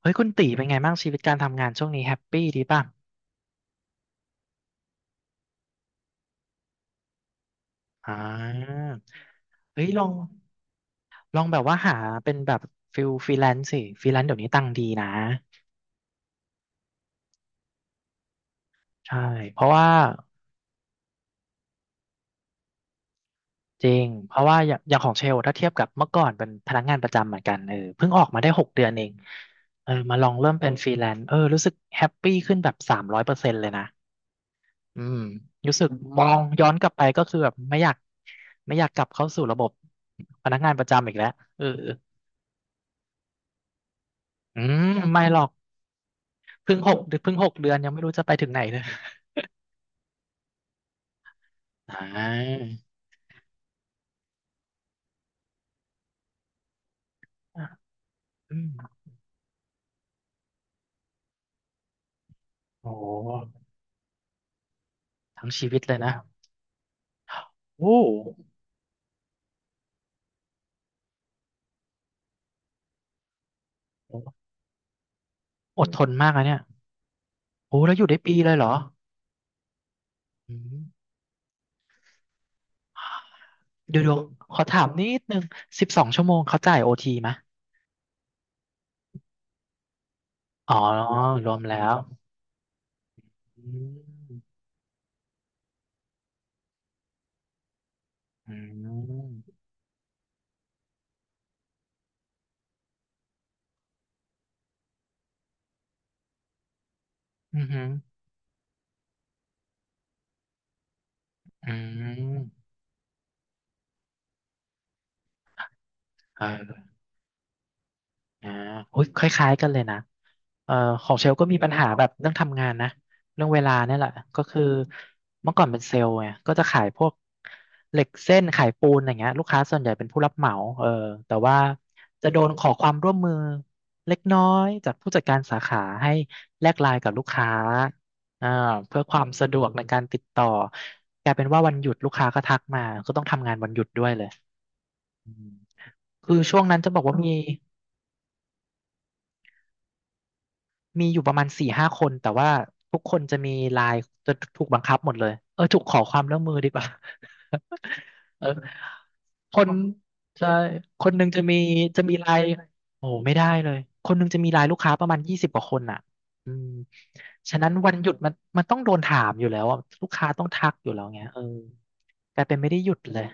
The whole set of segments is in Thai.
เฮ้ยคุณตีเป็นไงบ้างชีวิตการทำงานช่วงนี้แฮปปี้ดีป่ะอ่าเฮ้ยลองลองแบบว่าหาเป็นแบบฟิลฟรีแลนซ์สิฟรีแลนซ์เดี๋ยวนี้ตังค์ดีนะใช่เพราะว่าจริงเพราะว่าอย่างของเชลถ้าเทียบกับเมื่อก่อนเป็นพนักงานประจำเหมือนกันเออเพิ่งออกมาได้หกเดือนเองเออมาลองเริ่มเป็นฟรีแลนซ์รู้สึกแฮปปี้ขึ้นแบบ300%เลยนะอืมรู้สึกมองย้อนกลับไปก็คือแบบไม่อยากกลับเข้าสู่ระบบพนักงานประจำอีกแล้วเอออืมไม่หรอก เพิ่งหกเดือนยังไม่รู้จะไปถึงไหนเลยอ่าอืมโอ้ทั้งชีวิตเลยนะโอ้อดทนมากนะเนี่ยโอ้แล้วอยู่ได้ปีเลยเหรออืมเดี๋ยวขอถามนิดนึง12 ชั่วโมงเขาจ่ายโอทีไหมอ๋อ รวมแล้วอืมอืมอืมอหืออืมเอออ่าโอ้ยคล้ายๆกันเลยนะ เอ่อของเชลก็มีปัญหาแบบเรื่องทำงานนะเรื่องเวลาเนี่ยแหละก็คือเมื่อก่อนเป็นเซลล์ไงก็จะขายพวกเหล็กเส้นขายปูนอะไรเงี้ยลูกค้าส่วนใหญ่เป็นผู้รับเหมาเออแต่ว่าจะโดนขอความร่วมมือเล็กน้อยจากผู้จัดการสาขาให้แลกไลน์กับลูกค้าอ่าเพื่อความสะดวกในการติดต่อกลายเป็นว่าวันหยุดลูกค้าก็ทักมาก็ต้องทำงานวันหยุดด้วยเลยอืมคือช่วงนั้นจะบอกว่ามี มีอยู่ประมาณ4-5 คนแต่ว่าทุกคนจะมีไลน์จะถูกบังคับหมดเลยเออถูกขอความร่วมมือดีกว่า เออคนใช่คนหนึ่งจะมีไลน์โอ้ไม่ได้เลยคนหนึ่งจะมีไลน์ลูกค้าประมาณ20 กว่าคนอ่ะอืมฉะนั้นวันหยุดมันต้องโดนถามอยู่แล้วอะลูกค้าต้องทักอยู่แล้วไงเออกลายเป็นไม่ได้หยุดเลย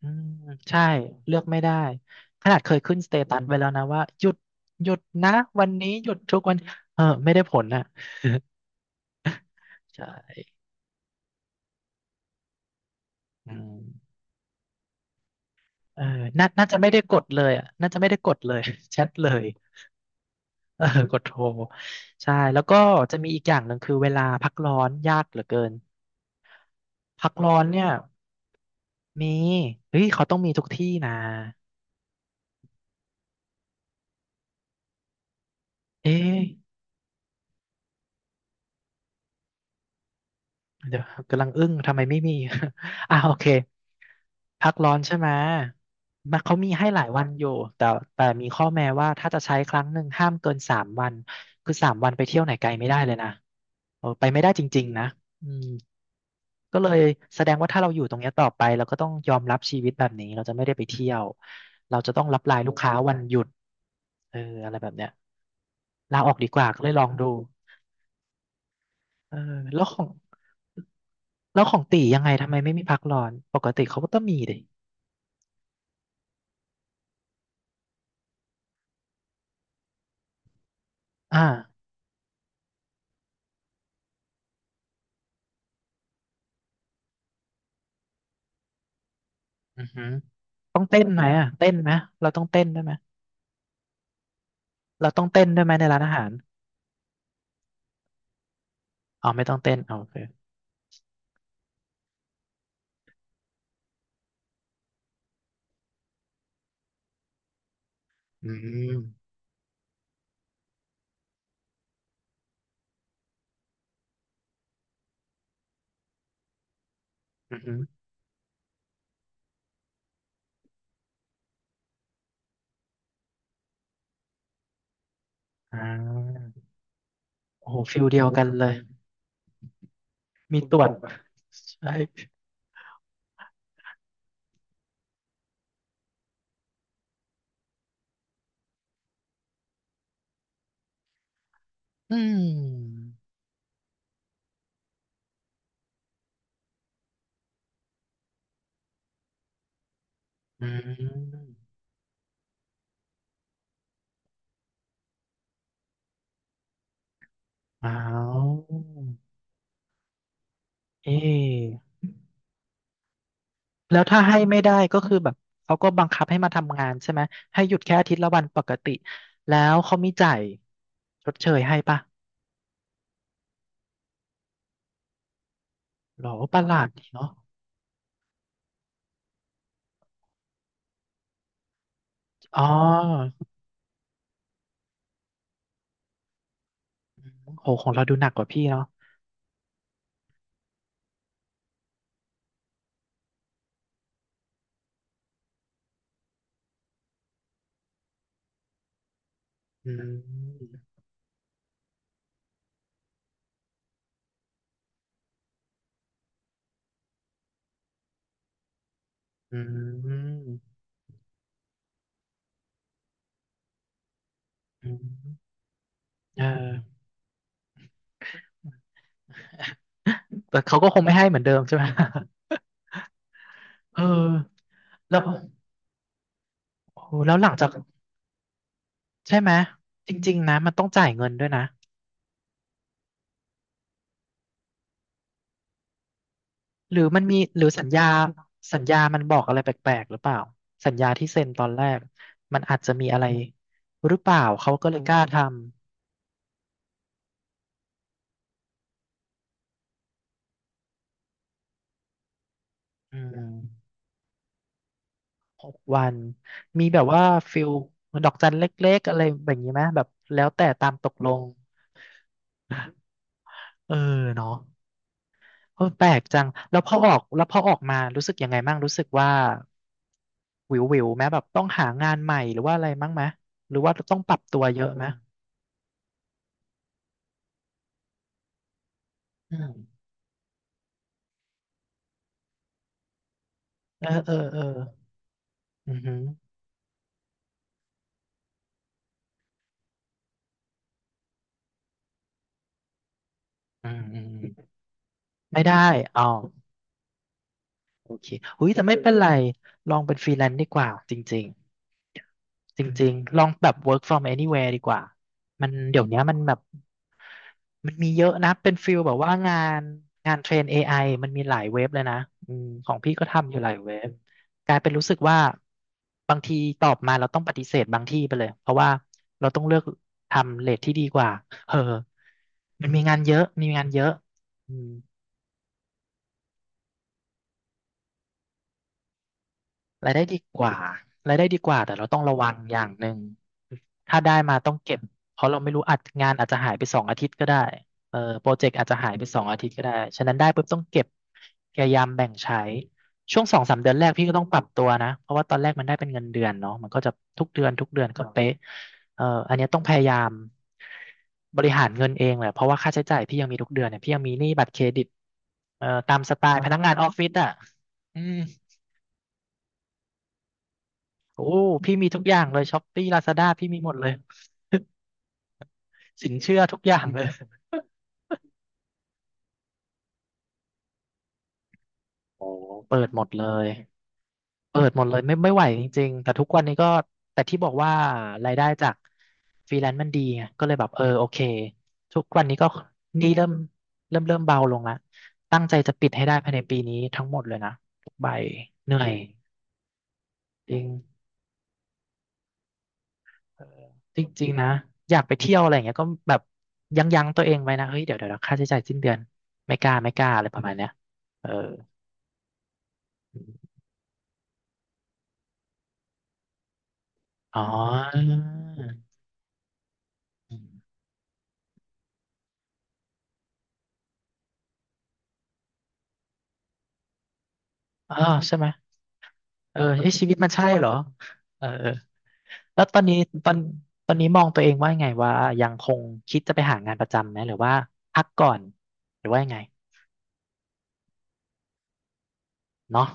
อืมใช่เลือกไม่ได้ขนาดเคยขึ้นสเตตัสไว้แล้วนะว่าหยุดนะวันนี้หยุดทุกวันเออไม่ได้ผลอ่ะใช่อืมเออน่าจะไม่ได้กดเลยอ่ะน่าจะไม่ได้กดเลย แชทเลยเออกดโทรใช่แล้วก็จะมีอีกอย่างหนึ่งคือเวลาพักร้อนยากเหลือเกินพักร้อนเนี่ยมีเฮ้ยเขาต้องมีทุกที่นะเอ๊ะ เดี๋ยวกำลังอึ้งทำไมไม่มี อ่าโอเคพักร้อนใช่ไหมมันเขามีให้หลายวันอยู่แต่แต่มีข้อแม้ว่าถ้าจะใช้ครั้งหนึ่งห้ามเกินสามวันคือสามวันไปเที่ยวไหนไกลไม่ได้เลยนะเออไปไม่ได้จริงๆนะอืมก็เลยแสดงว่าถ้าเราอยู่ตรงเนี้ยต่อไปเราก็ต้องยอมรับชีวิตแบบนี้เราจะไม่ได้ไปเที่ยวเราตายลูกค้าวันหยุดเอออะไรแบบเนี้ยลาออกดีกว่าก็เลยลองดูเออแล้วของ แล้วของตียังไงทำไมไม่มีพักร้อนปกติเขาก็ต้องมีดิอ่าอือหือต้องเต้นไหมอ่ะเต้นไหมเราต้องเต้นด้วยไหมเราต้องเต้นด้วยไหมในร้านอาหารอ๋อไม่ต้องเต้นเอาโอเคอืมอือหืออ่าโอ้โหฟิลเดียวกันเลยมีตรวจใช่อืมอืมอ้าวเอ๊ะแล้วถ้าให้ไม่ได้ก็คือแบบเขาก็บังคับให้มาทำงานใช่ไหมให้หยุดแค่อาทิตย์ละวันปกติแล้วเขามีจ่ายชดเชยให้ปะ หรอประหลาดดีเนาะอ๋ออืมโหของเราดูหนักกว่าพี่เนาะอืมอืมอืมเออแต่เขาก็คงไม่ให้เหมือนเดิมใช่ไหม เออแล้วโอ้โหแล้วหลังจากใช่ไหมจริงๆนะมันต้องจ่ายเงินด้วยนะหรือมันมีหรือสัญญาสัญญามันบอกอะไรแปลกๆหรือเปล่าสัญญาที่เซ็นตอนแรกมันอาจจะมีอะไรหรือเปล่าเขาก็เลยกล้าทำอืม 6 วันมีแบบว่าฟิลดอกจันเล็กๆอะไรแบบนี้ไหมแบบแล้วแต่ตามตกลงเออเนาะเออแปลกจังแล้วพอออกแล้วพอออกมารู้สึกยังไงบ้างรู้สึกว่าวิวๆไหมแบบต้องหางานใหม่หรือว่าอะไรมั้งไหมหรือว่าต้องปรับตัวเยอะไหมอืมเออเออเอออือหืออืมอืมอืมไม่ได้อ๋อโอเคอุ้ยแต่ไม่เป็นไรลองเป็นฟรีแลนซ์ดีกว่าจริง จริงๆลองแบบ work from anywhere ดีกว่ามันเดี๋ยวเนี้ยมันแบบมันมีเยอะนะเป็นฟิลแบบว่างานงานเทรน AI มันมีหลายเว็บเลยนะอืมของพี่ก็ทำอยู่หลายเว็บกลายเป็นรู้สึกว่าบางทีตอบมาเราต้องปฏิเสธบางที่ไปเลยเพราะว่าเราต้องเลือกทำเรทที่ดีกว่าเออมันมีงานเยอะมีงานเยอะอืม รายได้ดีกว่ารายได้ดีกว่าแต่เราต้องระวังอย่างหนึ่งถ้าได้มาต้องเก็บเพราะเราไม่รู้อัดงานอาจจะหายไปสองอาทิตย์ก็ได้เออโปรเจกต์อาจจะหายไปสองอาทิตย์ก็ได้ฉะนั้นได้ปุ๊บต้องเก็บพยายามแบ่งใช้ช่วงสองสามเดือนแรกพี่ก็ต้องปรับตัวนะเพราะว่าตอนแรกมันได้เป็นเงินเดือนเนาะมันก็จะทุกเดือนทุกเดือนก็เป๊ะเอออันเนี้ยต้องพยายามบริหารเงินเองแหละเพราะว่าค่าใช้จ่ายพี่ยังมีทุกเดือนเนี่ยพี่ยังมีหนี้บัตรเครดิตเออตามสไตล์พนักงานออฟฟิศอ่ะอืม โอ้พี่มีทุกอย่างเลยช้อปปี้ลาซาด้าพี่มีหมดเลย สินเชื่อทุกอย่างเลยโอ้เปิดหมดเลยเปิดหมดเลยไม่ไหวจริงๆแต่ทุกวันนี้ก็แต่ที่บอกว่ารายได้จากฟรีแลนซ์มันดีไงก็เลยแบบเออโอเคทุกวันนี้ก็หนี่เริ่มเริ่มเบาลงละตั้งใจจะปิดให้ได้ภายในปีนี้ทั้งหมดเลยนะทุกใบเหนื่อยจริง จริงๆนะอยากไปเที่ยวอะไรอย่างเงี้ยก็แบบยั้งตัวเองไว้นะเฮ้ยเดี๋ยวค่าใช้จ่ายสิ้นเดือนไม่กล้าอะไรประมาณเนี้ยเอออ๋ออ๋อใช่ไหมเออเอ้ยชีวิตมันใช่เหรอเออเออแล้วตอนนี้ตอนตอนนี้มองตัวเองว่ายังไงว่ายังคงคิดจะไปหางานประจำไหมหรือว่าพักก่อนหรือว่ายังไงเนาะ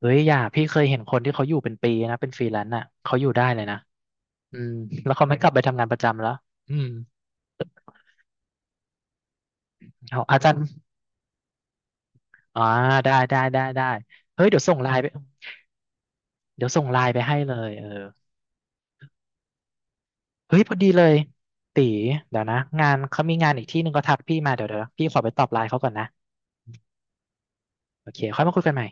เฮ้ยอย่าพี่เคยเห็นคนที่เขาอยู่เป็นปีนะเป็นฟรีแลนซ์อ่ะเขาอยู่ได้เลยนะอืมแล้วเขาไม่กลับไปทำงานประจำแล้วอืม เอาอาจารย์อ่าได้เฮ้ย เดี๋ยวส่งไลน์ไปเดี๋ยวส่งไลน์ไปให้เลยเออเฮ้ย พอดีเลย ตี เดี๋ยวนะ งานเขามีงานอีกที่หนึ่งก็ทักพี่มาเดี๋ยว พี่ขอไปตอบไลน์เขาก่อนนะ โอเค ค่อยมาคุยกันใหม่